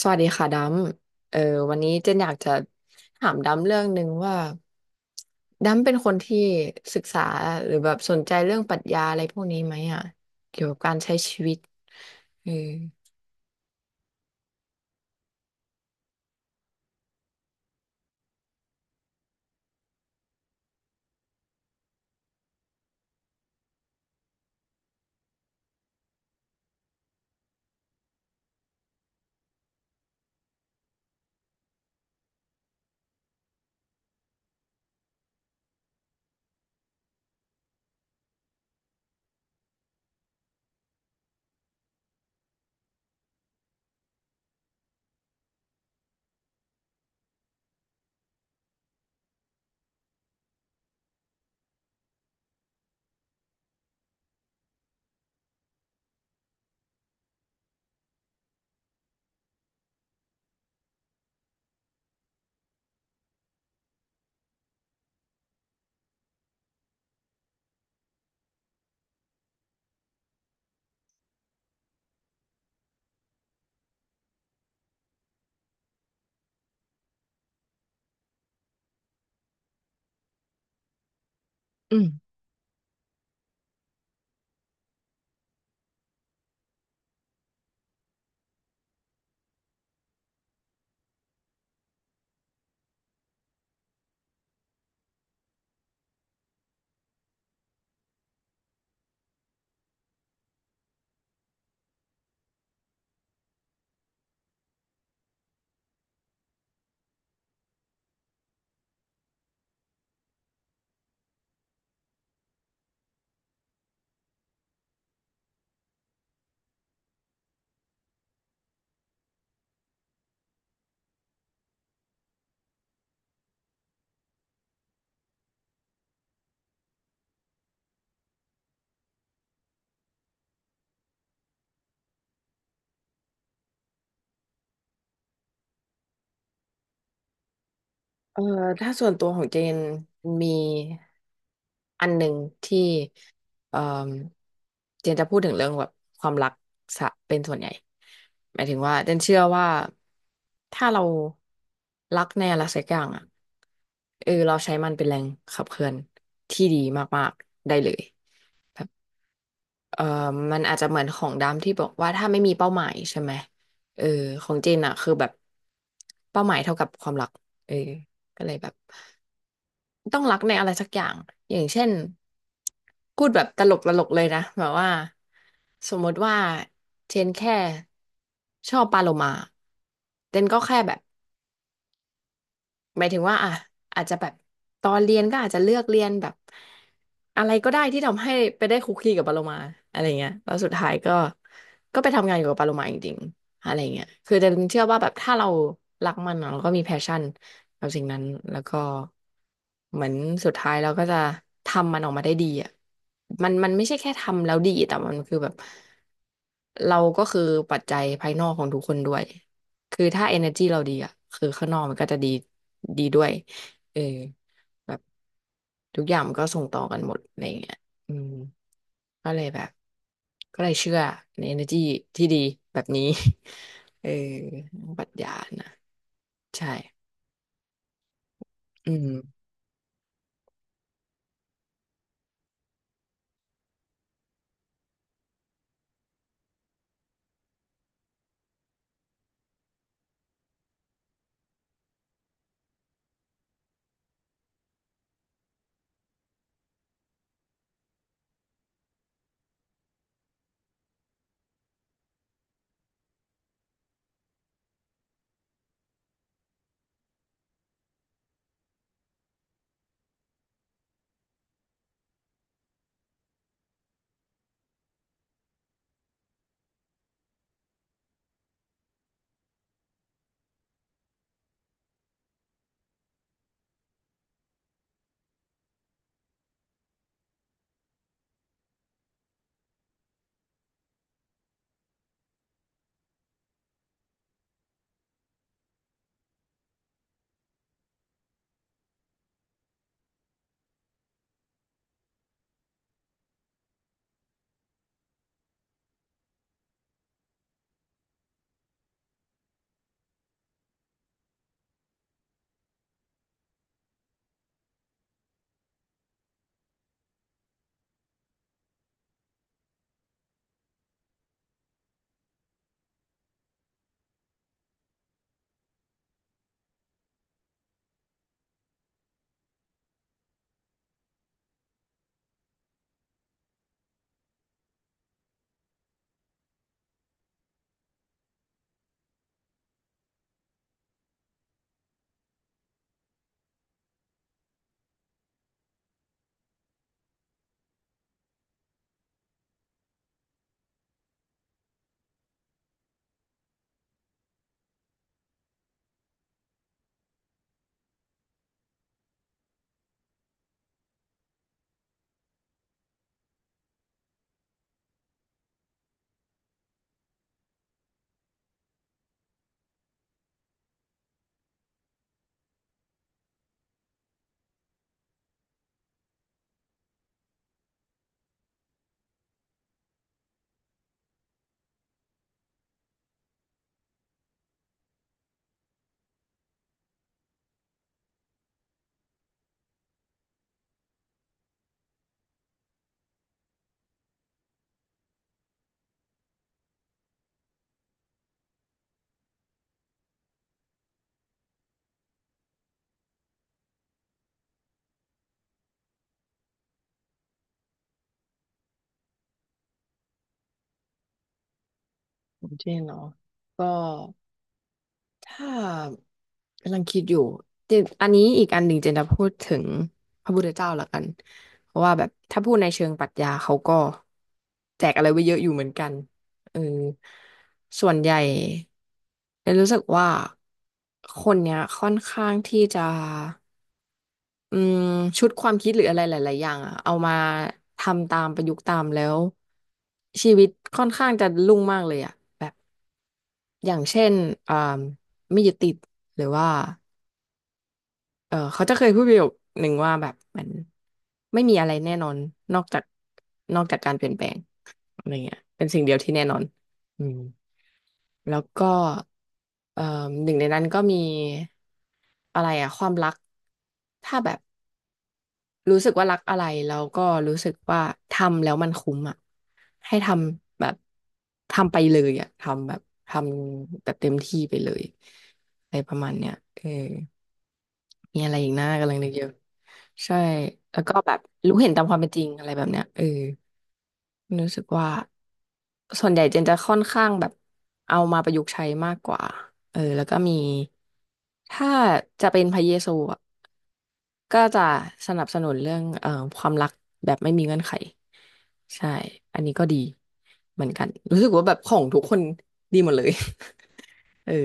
สวัสดีค่ะดำวันนี้เจนอยากจะถามดำเรื่องหนึ่งว่าดำเป็นคนที่ศึกษาหรือแบบสนใจเรื่องปรัชญาอะไรพวกนี้ไหมอ่ะเออ เออถ้าส่วนตัวของเจนมีอันหนึ่งที่เออเจนจะพูดถึงเรื่องแบบความรักสะเป็นส่วนใหญ่หมายถึงว่าเจนเชื่อว่าถ้าเรารักในอะไรสักอย่างอ่ะเออเราใช้มันเป็นแรงขับเคลื่อนที่ดีมากๆได้เลยเออมันอาจจะเหมือนของดำที่บอกว่าถ้าไม่มีเป้าหมายใช่ไหมเออของเจนอ่ะคือแบบเป้าหมายเท่ากับความรักเออก็เลยแบบ ต้องรักในอะไรสักอย่าง อย่างเช่นพูดแบบตลกตลกเลยนะ แบบว่าสมมติว่าเชนแค่ชอบปลาโลมาเจนก็แค่แบบ หมายถึงว่าอ่ะอาจจะแบบตอนเรียนก็อาจจะเลือกเรียนแบบอะไรก็ได้ที่ทำให้ไปได้คุกคีกับปาโลมาอะไรเงี้ยแล้วสุดท้ายก็ไปทำงานอยู่กับปาโลมาจริงๆอะไรเงี้ยคือแต่เชื่อว่าแบบถ้าเรารักมันอะเราก็มีแพชชั่นกับสิ่งนั้นแล้วก็เหมือนสุดท้ายเราก็จะทำมันออกมาได้ดีอ่ะมันไม่ใช่แค่ทำแล้วดีแต่มันคือแบบเราก็คือปัจจัยภายนอกของทุกคนด้วย คือถ้า energy เราดีอ่ะคือข้างนอกมันก็จะดีด้วยเออแบบทุกอย่างมันก็ส่งต่อกันหมดอะไรอย่างเงี้ยอืมก็เลยแบบก็เลยเชื่อใน energy ที่ดีแบบนี้ เออปรัชญานะใช่อืมผมเช่นเนาะก็ถ้า กำลังคิดอยู่เจนอันนี้อีกอันหนึ่งเจนจะพูดถึงพระพุทธเจ้าละกันเพราะว่าแบบถ้าพูดในเชิงปรัชญาเขาก็แจกอะไรไว้เยอะอยู่เหมือนกันเออส่วนใหญ่เจนรู้สึกว่าคนเนี้ยค่อนข้างที่จะอืมชุดความคิดหรืออะไรหลายๆอย่างอะเอามาทำตามประยุกต์ตามแล้วชีวิตค่อนข้างจะรุ่งมากเลยอะแบบอย่างเช่นอ่าไม่ยึดติดหรือว่า เออเขาจะเคยพูดประโยคหนึ่งว่าแบบมันไม่มีอะไรแน่นอนนอกจากนอกจากการเปลี่ยนแปลงอะไรเงี้ยเป็นสิ่งเดียวที่แน่นอนอืมแล้วก็เอ่อหนึ่งในนั้นก็มีอะไรอะความรักถ้าแบบรู้สึกว่ารักอะไรแล้วก็รู้สึกว่าทำแล้วมันคุ้มอะให้ทำแบบทำไปเลยอะทำแบบเต็มที่ไปเลยอะไรประมาณเนี้ยเออ มีอะไรอีกนะกำลังนึกอยู่ใช่แล้วก็แบบรู้เห็นตามความเป็นจริงอะไรแบบเนี้ยเออรู้สึกว่าส่วนใหญ่เจนจะค่อนข้างแบบเอามาประยุกต์ใช้มากกว่าเออแล้วก็มีถ้าจะเป็นพระเยซูอะก็จะสนับสนุนเรื่องความรักแบบไม่มีเงื่อนไขใช่อันนี้ก็ดีเหมือนกันรู้สึกว่าแบบของทุกคนดีหมดเลย เออ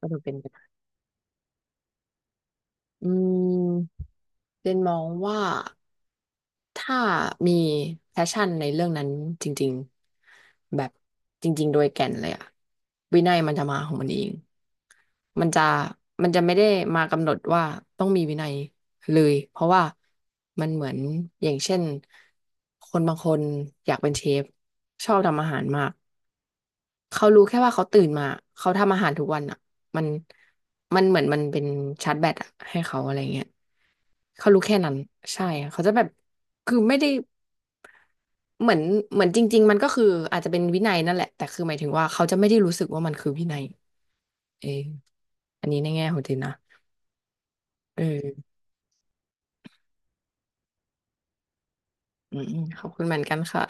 ก็จะเป็นแบบอืมเจนมองว่า ถ้ามีแพชชั่นในเรื่องนั้นจริงๆแบบจริงๆโดยแก่นเลยอะวินัยมันจะมาของมันเองมันจะมันจะไม่ได้มากำหนดว่าต้องมีวินัยเลยเพราะว่ามันเหมือนอย่างเช่นคนบางคนอยากเป็นเชฟชอบทำอาหารมากเขารู้แค่ว่าเขาตื่นมาเขาทำอาหารทุกวันอะมันมันเหมือนมันเป็นชาร์จแบตอะให้เขาอะไรเงี้ยเขารู้แค่นั้นใช่เขาจะแบบคือไม่ได้ เหมือนเหมือนจริงๆมันก็คืออาจจะเป็นวินัยนั่นแหละแต่คือหมายถึงว่าเขาจะไม่ได้รู้สึกว่ามันคือวินัยเอออันนี้ในแง่ของเจนนะเอออืมขอบคุณเหมือนกันค่ะ